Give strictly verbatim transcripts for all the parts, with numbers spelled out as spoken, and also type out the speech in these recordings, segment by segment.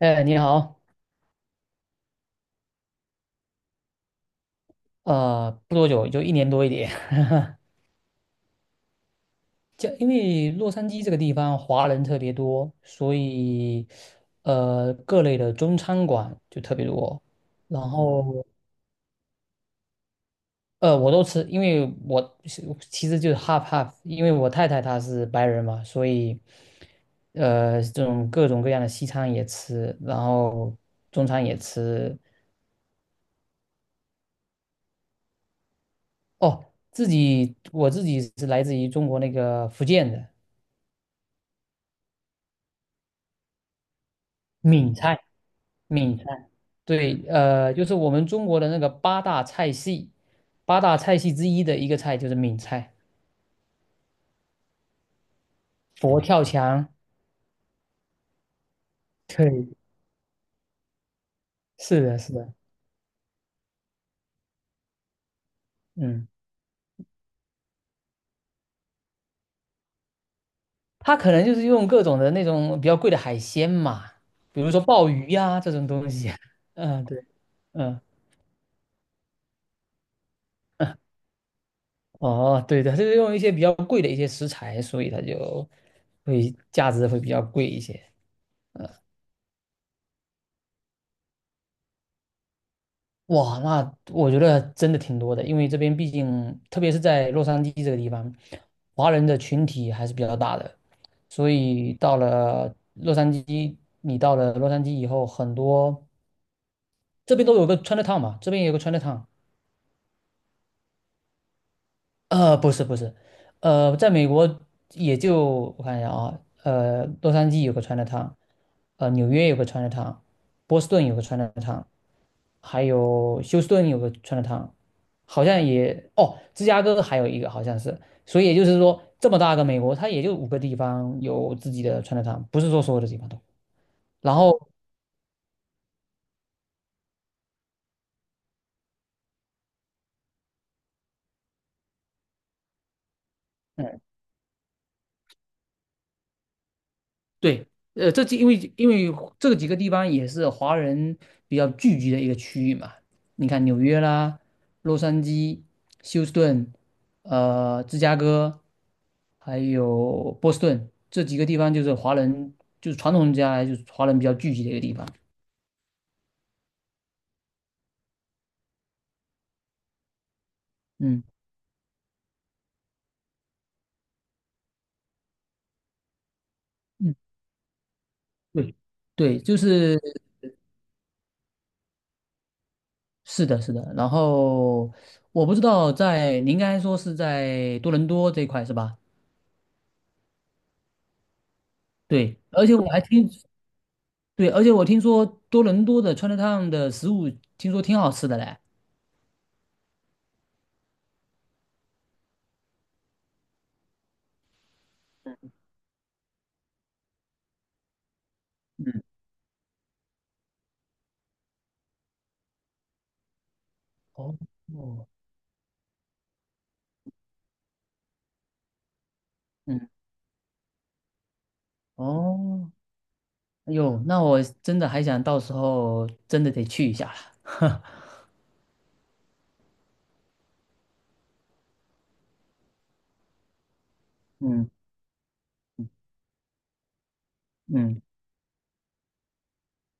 哎，你好，呃，不多久，也就一年多一点。就因为洛杉矶这个地方华人特别多，所以呃，各类的中餐馆就特别多。然后呃，我都吃，因为我是其实就是 half half，因为我太太她是白人嘛，所以呃，这种各种各样的西餐也吃，然后中餐也吃。哦，自己我自己是来自于中国那个福建的闽菜。闽菜，对，呃，就是我们中国的那个八大菜系，八大菜系之一的一个菜就是闽菜，佛跳墙，对，是的，是的，嗯，它可能就是用各种的那种比较贵的海鲜嘛，比如说鲍鱼呀、这种东西，嗯，对，嗯，哦，对的，它就是用一些比较贵的一些食材，所以它就会价值会比较贵一些，哇，那我觉得真的挺多的，因为这边毕竟，特别是在洛杉矶这个地方，华人的群体还是比较大的，所以到了洛杉矶，你到了洛杉矶以后，很多这边都有个 Chinatown 嘛，这边也有个 Chinatown，呃，不是不是，呃，在美国也就我看一下啊，呃，洛杉矶有个 Chinatown，呃，纽约有个 Chinatown，波士顿有个 Chinatown，还有休斯顿有个川菜汤，好像也哦，芝加哥还有一个好像是，所以也就是说，这么大个美国，它也就五个地方有自己的川菜汤，不是说所有的地方都。然后，嗯，对，呃，这几因为因为这几个地方也是华人比较聚集的一个区域嘛。你看纽约啦、洛杉矶、休斯顿、呃、芝加哥，还有波士顿这几个地方，就是华人，就是传统下来就是华人比较聚集的一个地方。嗯嗯，对对，就是是的，是的。然后我不知道在，您刚才说是在多伦多这一块是吧？对，而且我还听对，而且我听说多伦多的 Chinatown 的食物听说挺好吃的嘞。嗯，哦，嗯，哦，哎呦，那我真的还想到时候真的得去一下了。嗯嗯，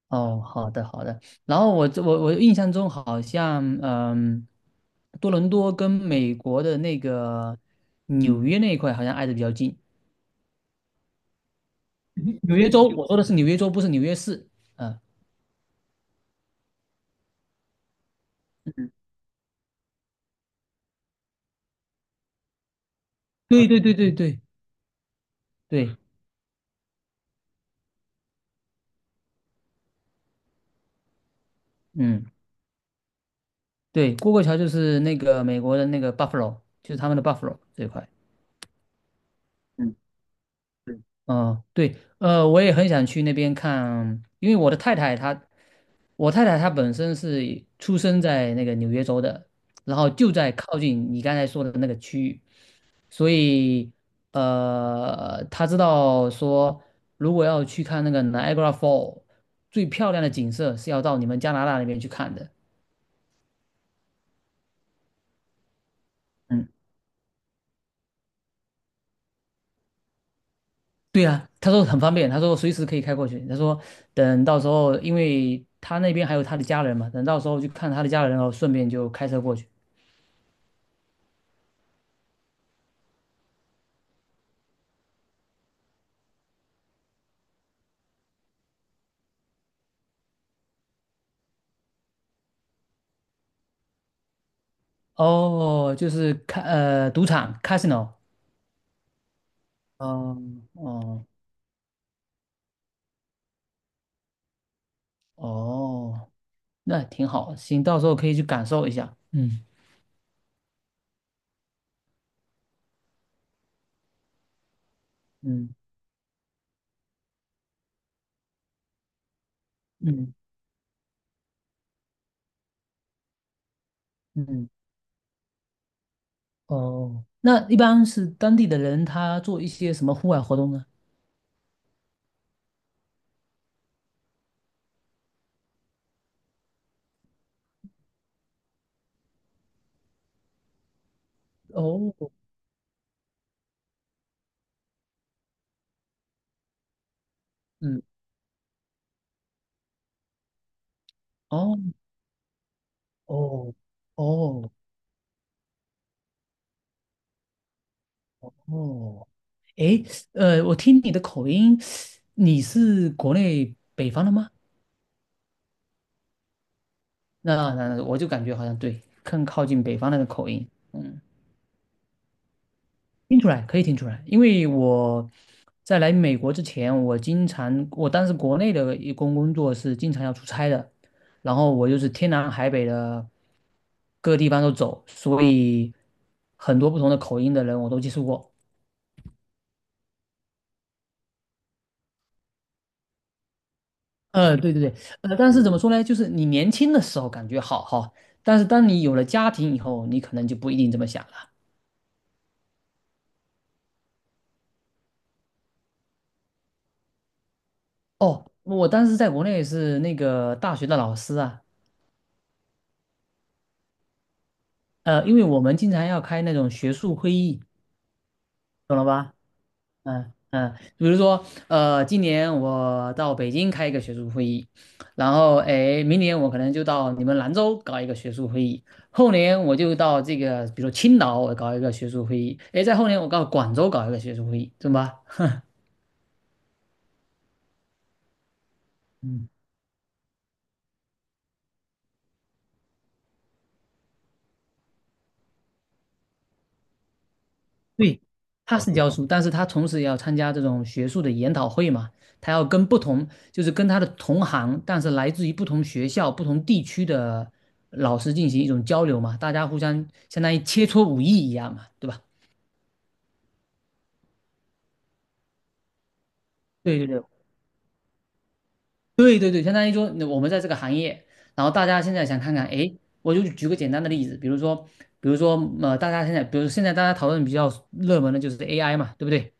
哦，好的好的。然后我我我印象中好像嗯，多伦多跟美国的那个纽约那一块好像挨得比较近。纽约州，我说的是纽约州，不是纽约市。嗯，嗯，对对对对对对，嗯。对，过过桥就是那个美国的那个 Buffalo，就是他们的 Buffalo 这一块。嗯，对，嗯，对，呃，我也很想去那边看，因为我的太太她，我太太她本身是出生在那个纽约州的，然后就在靠近你刚才说的那个区域，所以呃，她知道说，如果要去看那个 Niagara Fall 最漂亮的景色，是要到你们加拿大那边去看的。嗯。对啊，他说很方便，他说随时可以开过去。他说等到时候，因为他那边还有他的家人嘛，等到时候去看他的家人哦，顺便就开车过去。哦，就是开呃赌场 casino。哦哦哦，那挺好，行，到时候可以去感受一下。嗯嗯嗯嗯，哦，那一般是当地的人他做一些什么户外活动呢？哦，嗯，哦哦哦哦。诶，呃，我听你的口音，你是国内北方的吗？那那我就感觉好像对，更靠近北方那个口音，嗯，听出来可以听出来，因为我在来美国之前，我经常我当时国内的一工工作是经常要出差的，然后我就是天南海北的各地方都走，所以很多不同的口音的人我都接触过。呃，对对对，呃，但是怎么说呢？就是你年轻的时候感觉好哈，但是当你有了家庭以后，你可能就不一定这么想了。哦，我当时在国内是那个大学的老师啊，呃，因为我们经常要开那种学术会议，懂了吧？嗯嗯，比如说，呃，今年我到北京开一个学术会议，然后哎，明年我可能就到你们兰州搞一个学术会议，后年我就到这个，比如说青岛我搞一个学术会议，哎，在后年我到广州搞一个学术会议，懂吧？嗯，对，他哦是教书，但是他同时也要参加这种学术的研讨会嘛，他要跟不同，就是跟他的同行，但是来自于不同学校、不同地区的老师进行一种交流嘛，大家互相相当于切磋武艺一样嘛，对吧？对对对，对对对，相当于说我们在这个行业，然后大家现在想看看，哎，我就举个简单的例子，比如说，比如说，呃，大家现在，比如现在大家讨论比较热门的就是 A I 嘛，对不对？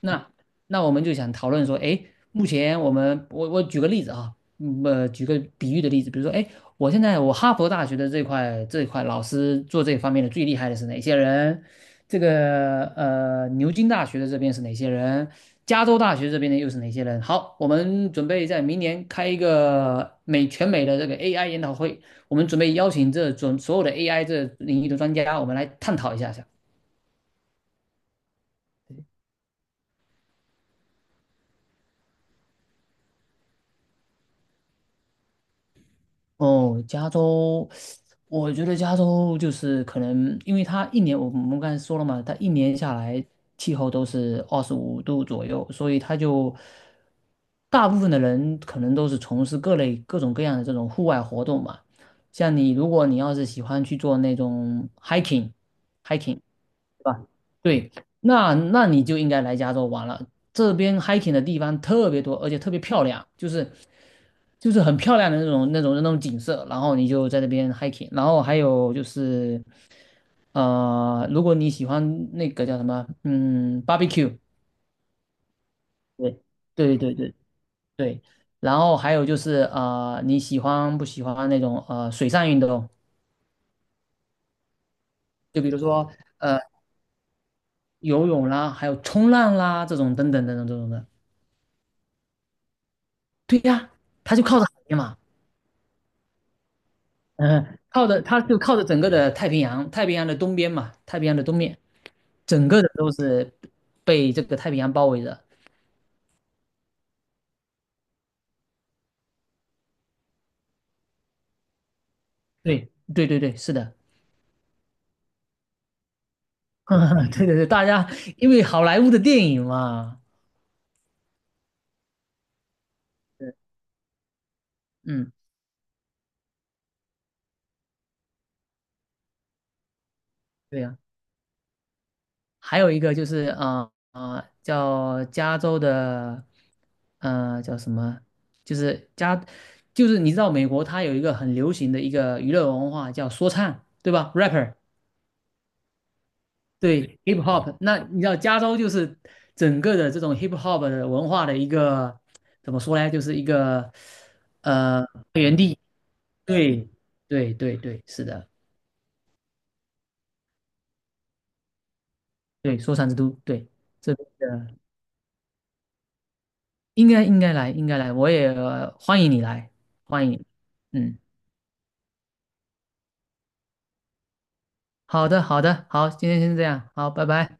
那那我们就想讨论说，哎，目前我们我我举个例子啊，嗯呃，举个比喻的例子，比如说，哎，我现在我哈佛大学的这块这块老师做这方面的最厉害的是哪些人？这个呃，牛津大学的这边是哪些人？加州大学这边的又是哪些人？好，我们准备在明年开一个美全美的这个 A I 研讨会，我们准备邀请这准所有的 A I 这领域的专家，我们来探讨一下哦，加州，我觉得加州就是可能，因为它一年，我们刚才说了嘛，它一年下来气候都是二十五度左右，所以它就大部分的人可能都是从事各类各种各样的这种户外活动嘛。像你，如果你要是喜欢去做那种 hiking，hiking，对吧？对，那那你就应该来加州玩了。这边 hiking 的地方特别多，而且特别漂亮，就是就是很漂亮的那种那种那种景色。然后你就在那边 hiking，然后还有就是，呃，如果你喜欢那个叫什么，嗯，barbecue，对对对对对，然后还有就是呃，你喜欢不喜欢那种呃水上运动？就比如说呃游泳啦，还有冲浪啦这种等等等等这种的。对呀，它就靠着海边嘛，嗯，靠着它就靠着整个的太平洋，太平洋的东边嘛，太平洋的东面，整个的都是被这个太平洋包围着。对，对，对，对，是的，对对对，是的，对对对，大家因为好莱坞的电影嘛，对，嗯，对呀，还有一个就是啊啊、呃呃叫加州的，呃，叫什么？就是加，就是你知道美国它有一个很流行的一个娱乐文化叫说唱，对吧？rapper。对 hip hop，那你知道加州就是整个的这种 hip hop 的文化的一个怎么说呢？就是一个呃发源地。对对对对，是的，对说唱之都，对这边的应该应该来，应该来，我也、呃欢迎你来，欢迎你嗯，好的好的，好，今天先这样，好，拜拜。